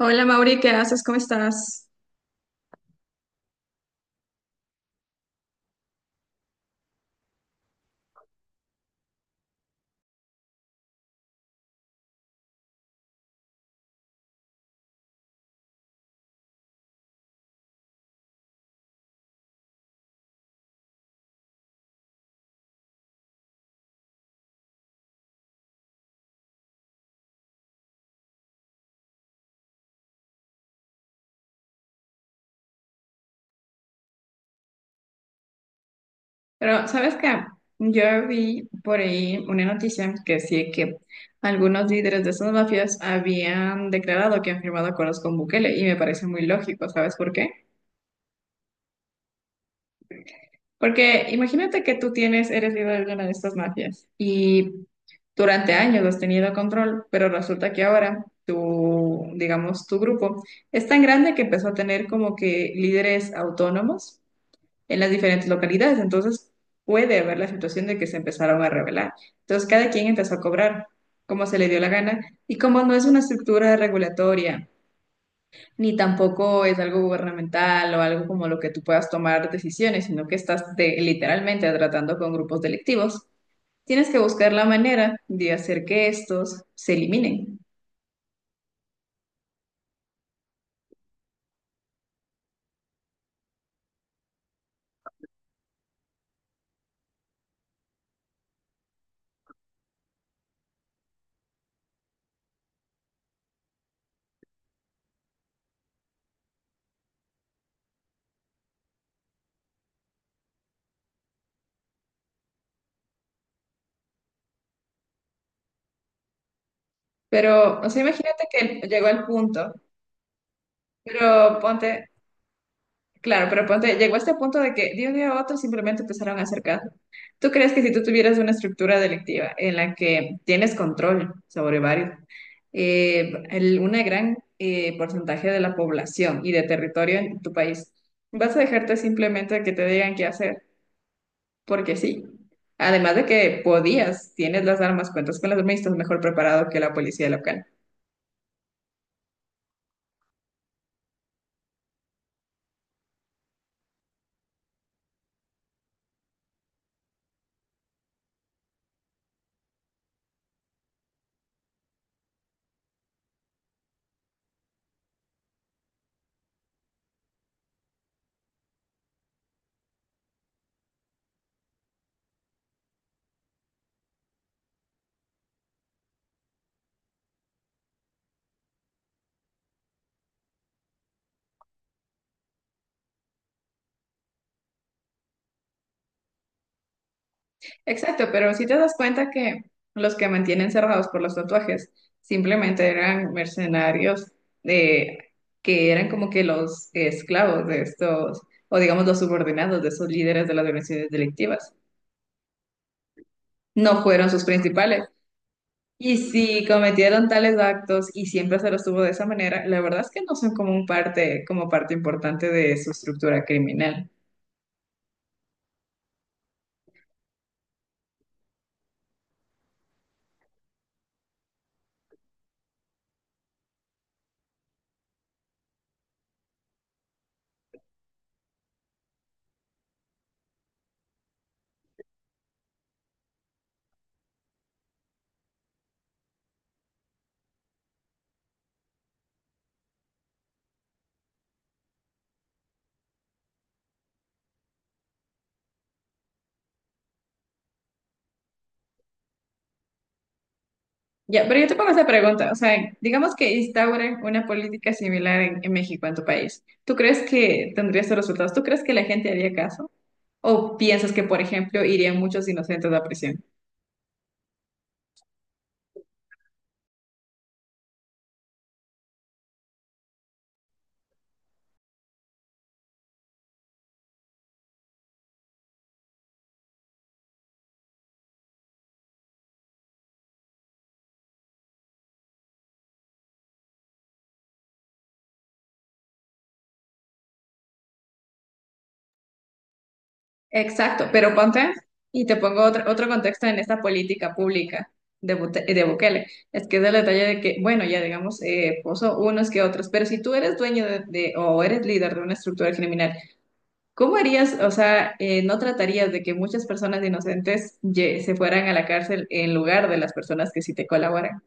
Hola Mauri, ¿qué haces? ¿Cómo estás? Pero, ¿sabes qué? Yo vi por ahí una noticia que decía que algunos líderes de esas mafias habían declarado que han firmado acuerdos con Bukele y me parece muy lógico, ¿sabes por qué? Porque imagínate que tú tienes, eres líder de una de estas mafias y durante años has tenido control, pero resulta que ahora tu, digamos, tu grupo es tan grande que empezó a tener como que líderes autónomos en las diferentes localidades. Entonces, puede haber la situación de que se empezaron a rebelar. Entonces, cada quien empezó a cobrar como se le dio la gana y como no es una estructura regulatoria, ni tampoco es algo gubernamental o algo como lo que tú puedas tomar decisiones, sino que estás de- literalmente tratando con grupos delictivos. Tienes que buscar la manera de hacer que estos se eliminen. Pero, o sea, imagínate que llegó al punto, pero ponte. Claro, pero ponte, llegó a este punto de que de un día a otro simplemente empezaron a hacer caso. ¿Tú crees que si tú tuvieras una estructura delictiva en la que tienes control sobre varios, el- una gran porcentaje de la población y de territorio en tu país, vas a dejarte simplemente que te digan qué hacer? Porque sí. Además de que podías, tienes las armas, cuentas con las armas y estás mejor preparado que la policía local. Exacto, pero si te das cuenta que los que mantienen cerrados por los tatuajes simplemente eran mercenarios de, que eran como que los esclavos de estos, o digamos los subordinados de esos líderes de las organizaciones delictivas. No fueron sus principales. Y si cometieron tales actos y siempre se los tuvo de esa manera, la verdad es que no son como un parte, como parte importante de su estructura criminal. Ya, pero yo te pongo esta pregunta, o sea, digamos que instauren una política similar en México, en tu país. ¿Tú crees que tendría estos resultados? ¿Tú crees que la gente haría caso? ¿O piensas que, por ejemplo, irían muchos inocentes a prisión? Exacto, pero ponte y te pongo otro, otro contexto en esta política pública de, Bute- de Bukele. Es que es el detalle de que, bueno, ya digamos, puso unos que otros, pero si tú eres dueño de- o eres líder de una estructura criminal, ¿cómo harías, o sea, no tratarías de que muchas personas inocentes ye- se fueran a la cárcel en lugar de las personas que sí te colaboran?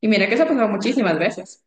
Y mira que eso ha pasado muchísimas veces.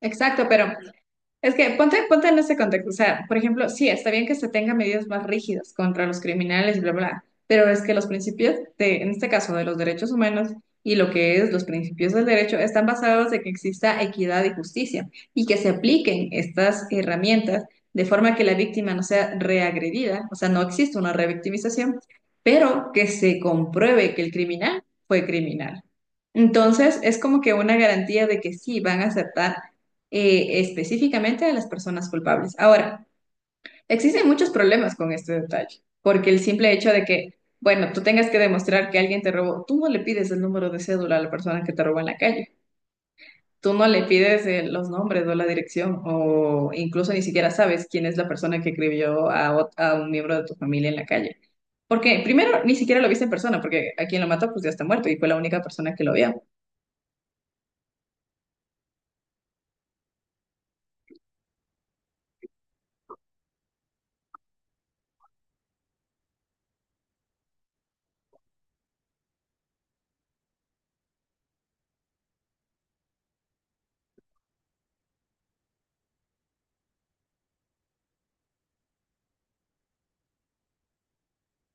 Exacto, pero es que ponte, ponte en ese contexto. O sea, por ejemplo, sí, está bien que se tengan medidas más rígidas contra los criminales, bla, bla, pero es que los principios de, en este caso, de los derechos humanos y lo que es los principios del derecho están basados en que exista equidad y justicia y que se apliquen estas herramientas de forma que la víctima no sea reagredida, o sea, no existe una revictimización, pero que se compruebe que el criminal fue criminal. Entonces, es como que una garantía de que sí van a aceptar específicamente a las personas culpables. Ahora, existen muchos problemas con este detalle, porque el simple hecho de que, bueno, tú tengas que demostrar que alguien te robó, tú no le pides el número de cédula a la persona que te robó en la calle, tú no le pides los nombres o la dirección, o incluso ni siquiera sabes quién es la persona que escribió a, ot- a un miembro de tu familia en la calle. Porque primero ni siquiera lo viste en persona, porque a quien lo mató pues ya está muerto y fue la única persona que lo vio.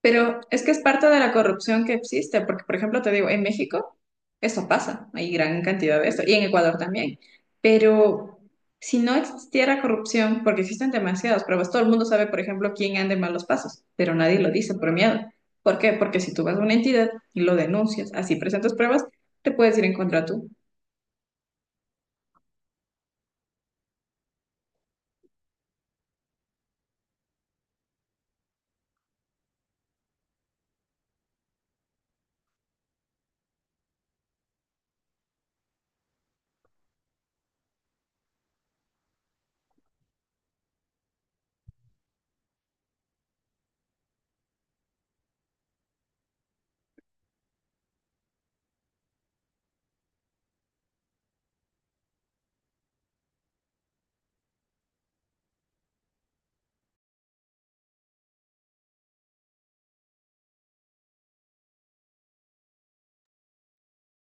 Pero es que es parte de la corrupción que existe, porque, por ejemplo, te digo, en México eso pasa, hay gran cantidad de esto, y en Ecuador también. Pero si no existiera corrupción, porque existen demasiadas pruebas, todo el mundo sabe, por ejemplo, quién anda en malos pasos, pero nadie lo dice por miedo. ¿Por qué? Porque si tú vas a una entidad y lo denuncias, así presentas pruebas, te puedes ir en contra tú.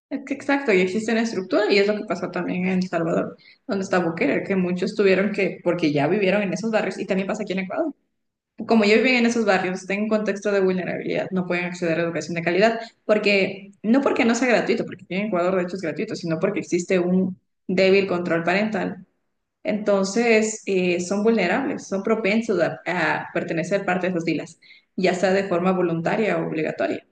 Es que exacto, y existe una estructura, y es lo que pasó también en El Salvador, donde está Bukele, que muchos tuvieron que, porque ya vivieron en esos barrios, y también pasa aquí en Ecuador como ellos viven en esos barrios, están en contexto de vulnerabilidad, no pueden acceder a educación de calidad, porque no sea gratuito, porque aquí en Ecuador de hecho es gratuito, sino porque existe un débil control parental. Entonces, son vulnerables, son propensos a pertenecer parte de esas filas, ya sea de forma voluntaria o obligatoria.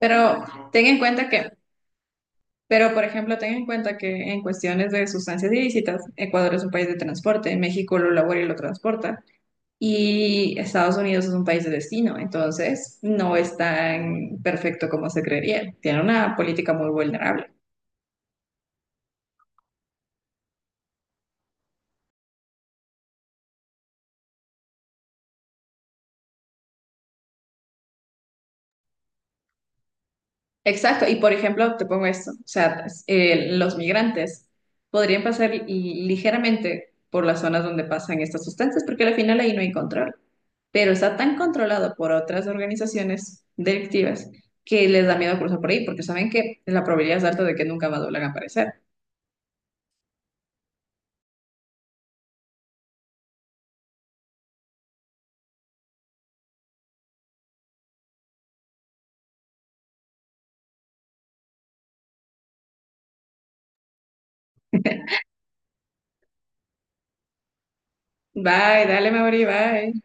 Pero ten en cuenta que, pero por ejemplo, ten en cuenta que en cuestiones de sustancias ilícitas, Ecuador es un país de transporte, México lo labora y lo transporta. Y Estados Unidos es un país de destino, entonces no es tan perfecto como se creería. Tiene una política muy vulnerable. Exacto, y por ejemplo, te pongo esto, o sea, los migrantes podrían pasar li- ligeramente por las zonas donde pasan estas sustancias, porque al final ahí no hay control, pero está tan controlado por otras organizaciones delictivas que les da miedo cruzar por ahí, porque saben que la probabilidad es alta de que nunca más vuelvan a aparecer. Bye, dale, Mauri, bye.